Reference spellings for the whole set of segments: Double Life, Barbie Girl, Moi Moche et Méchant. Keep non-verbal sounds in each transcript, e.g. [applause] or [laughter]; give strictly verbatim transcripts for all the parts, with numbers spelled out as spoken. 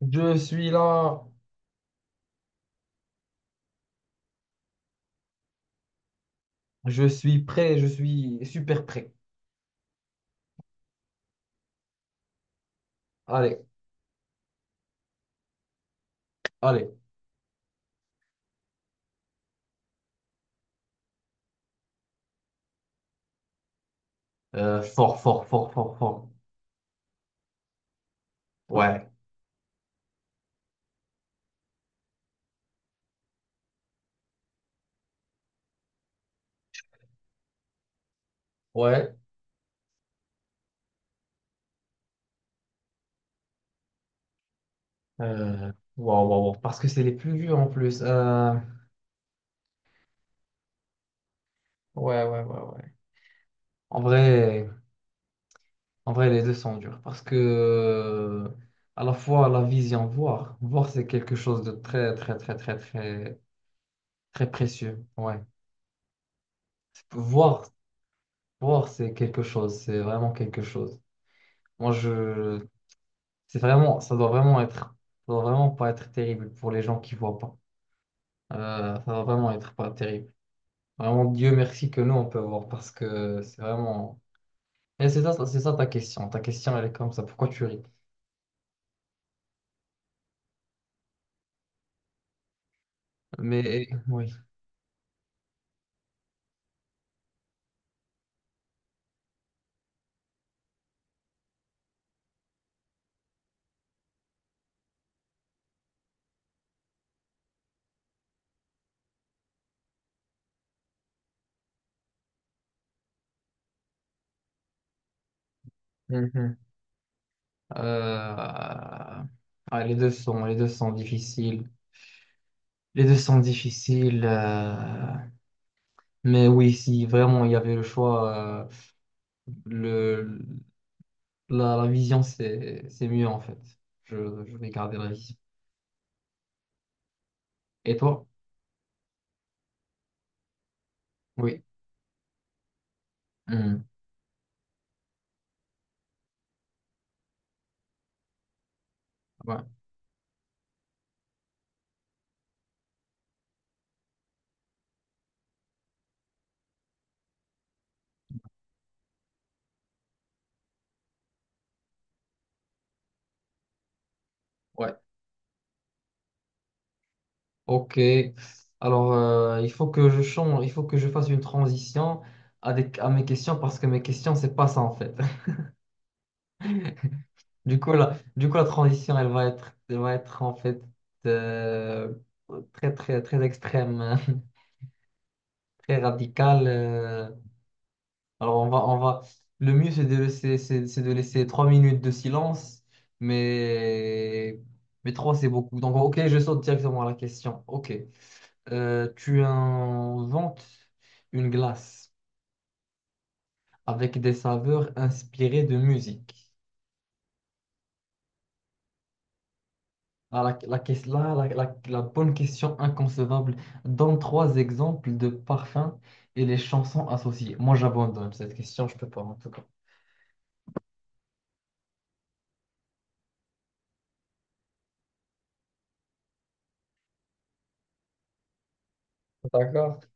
Je suis là, je suis prêt, je suis super prêt. Allez, allez. Euh, fort, fort, fort, fort, fort. Ouais, ouais. Euh, wow, wow, wow. Parce que c'est les plus durs en plus. Euh, ouais, ouais, ouais, ouais. En vrai, en vrai, les deux sont durs. Parce que euh, à la fois la vision, voir. Voir, c'est quelque chose de très, très, très, très, très, très précieux. Ouais. Voir, voir, c'est quelque chose. C'est vraiment quelque chose. Moi, je, C'est vraiment, ça doit vraiment être, ça doit vraiment pas être terrible pour les gens qui voient pas. Euh, ça doit vraiment être pas terrible. Vraiment, Dieu merci que nous on peut voir parce que c'est vraiment. Et c'est ça, c'est ça ta question. Ta question, elle est comme ça. Pourquoi tu ris? Mais oui. Mhm. Euh, ouais, les deux sont, les deux sont difficiles. Les deux sont difficiles. euh, Mais oui, si vraiment il y avait le choix, euh, le, la, la vision c'est, c'est mieux en fait. Je, je vais garder la vision. Et toi? Oui. Hmm. Ouais. Ouais. Ok. Alors, euh, il faut que je change, il faut que je fasse une transition à, des- à mes questions parce que mes questions, c'est pas ça en fait. [laughs] Du coup, la, du coup, la transition, elle va être, elle va être en fait euh, très, très, très extrême, [laughs] très radicale. euh. Alors, on va, on va. Le mieux, c'est de laisser, c'est, c'est de laisser trois minutes de silence, mais, mais trois, c'est beaucoup. Donc, ok, je saute directement à la question. Ok. Euh, tu inventes une glace avec des saveurs inspirées de musique. Ah, la, la, ques- là, la, la- la bonne question inconcevable. Donne trois exemples de parfums et les chansons associées. Moi, j'abandonne cette question, je peux pas en tout cas. D'accord.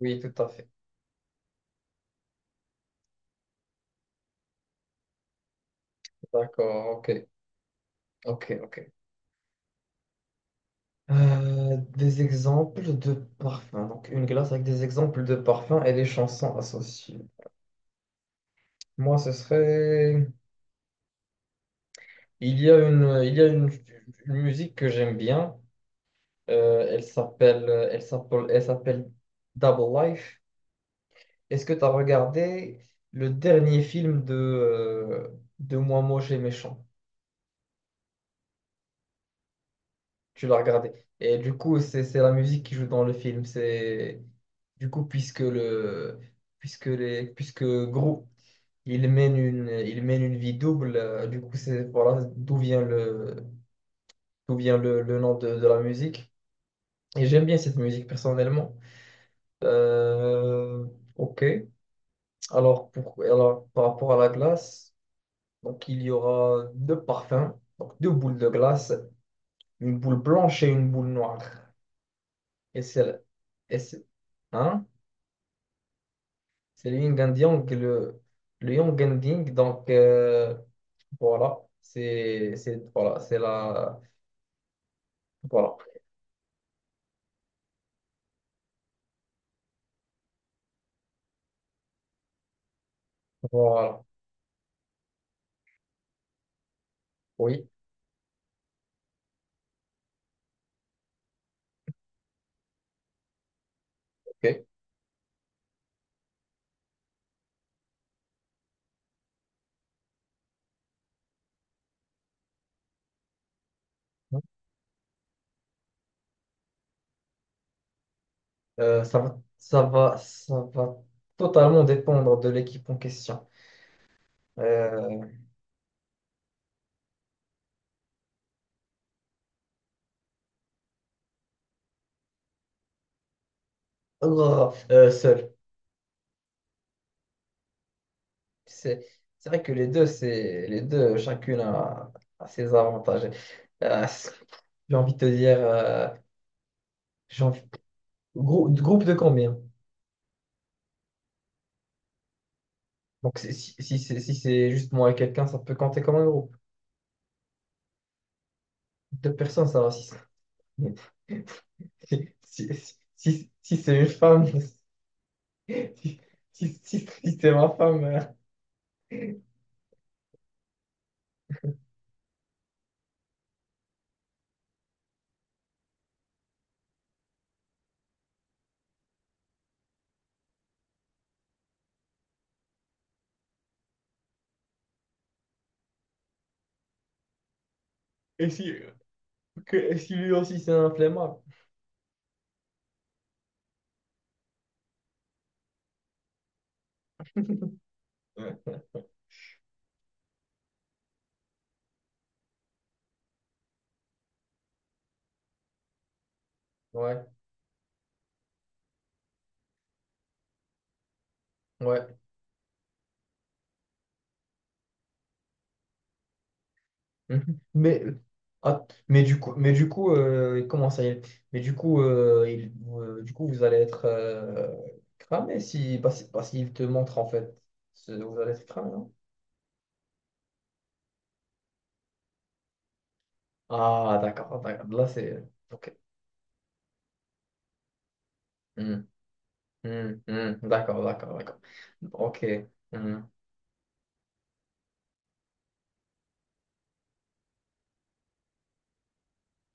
Oui, tout à fait. D'accord, ok. Ok, ok. Euh, des exemples de parfums. Donc, une glace avec des exemples de parfums et les chansons associées. Moi, ce serait... Il y a une, il y a une, une musique que j'aime bien. Euh, elle s'appelle, elle s'appelle, elle s'appelle Double Life. Est-ce que tu as regardé le dernier film de, euh, de Moi Moche et Méchant? Tu l'as regardé. Et du coup, c'est, c'est la musique qui joue dans le film. C'est, du coup, puisque le, puisque les, puisque Gru, il mène une, il mène une vie double. euh, du coup, c'est, voilà d'où vient le, d'où vient le, le nom de de la musique. Et j'aime bien cette musique personnellement. Euh, ok. Alors, pour, alors, par rapport à la glace, donc il y aura deux parfums, donc deux boules de glace, une boule blanche et une boule noire. Et c'est le- et c'est hein? C'est le yin and yang, le, le yang and yang. Donc euh, voilà, c'est c'est voilà, c'est la voilà, voilà. Oui, ok. Euh, ça va, ça va, ça va totalement dépendre de l'équipe en question. Euh, oh, euh, seul. C'est c'est vrai que les deux, c'est les deux, chacune a, a ses avantages. Euh, c'est- j'ai envie de te dire, euh, j'ai envie- grou- groupe de combien? Donc c'est- si, si, c'est si c'est juste moi et quelqu'un, ça peut compter comme un groupe. Deux personnes, ça va. Si, si, si, si- si c'est une femme, [laughs] si, si, si- si c'est ma femme, euh, et si, que- et si lui aussi c'est un flemmard. Ouais, ouais. Ouais. Mhm. Mais, ah, mais du coup, mais du coup euh, comment ça il- Mais du coup, euh, il- euh, du coup, vous allez être euh, cramé si, bah, si- bah, s'il te montre en fait. ce- Vous allez être cramé, non? Ah, d'accord, d'accord. Là, c'est. Ok. Hmm, hmm, hmm. D'accord, d'accord, d'accord. Ok. Hmm.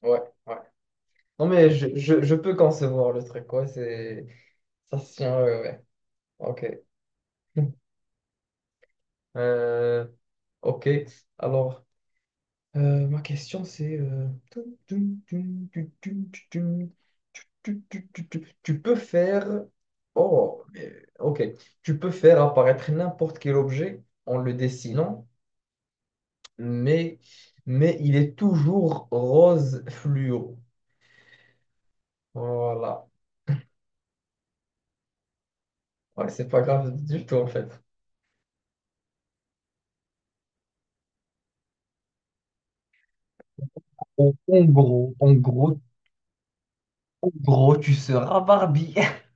Ouais, ouais. Non, mais je, je, je peux concevoir le truc, quoi. C'est... Ça se tient, ouais, ouais. Ok. [laughs] Euh, ok. Alors. Euh, ma question, c'est... euh, tu tu peux faire... Oh, mais- ok. Tu peux faire apparaître n'importe quel objet en le dessinant, mais, mais il est toujours rose fluo. Voilà. Ouais, c'est pas grave du tout, en fait. En en gros, en gros, en gros, tu seras Barbie. [laughs]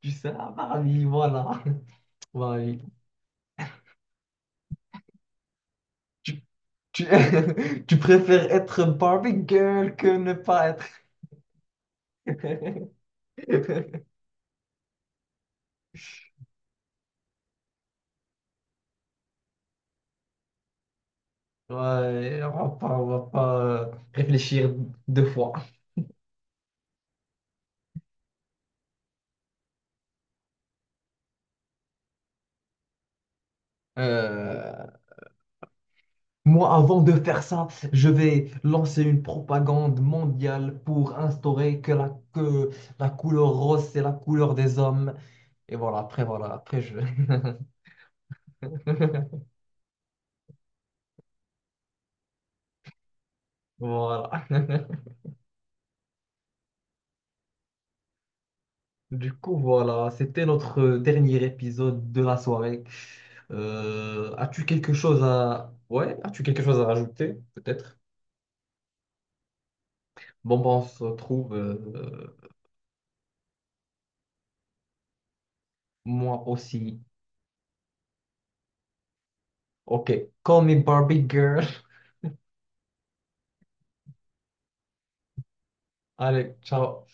Tu seras Barbie, voilà. [laughs] Barbie. Tu, [laughs] tu préfères être Barbie Girl que ne pas être. [laughs] Ouais, on va pas, on va pas euh, réfléchir deux fois. Euh, moi, avant de faire ça, je vais lancer une propagande mondiale pour instaurer que la, que la couleur rose, c'est la couleur des hommes. Et voilà, après, voilà, après, je... [laughs] Voilà. Du coup, voilà, c'était notre euh, dernier épisode de la soirée. Euh, as-tu quelque chose à... Ouais, as-tu quelque chose à rajouter, peut-être? Bon, bon, on se retrouve, euh, moi aussi. Ok, call me Barbie girl. [laughs] Allez, ciao.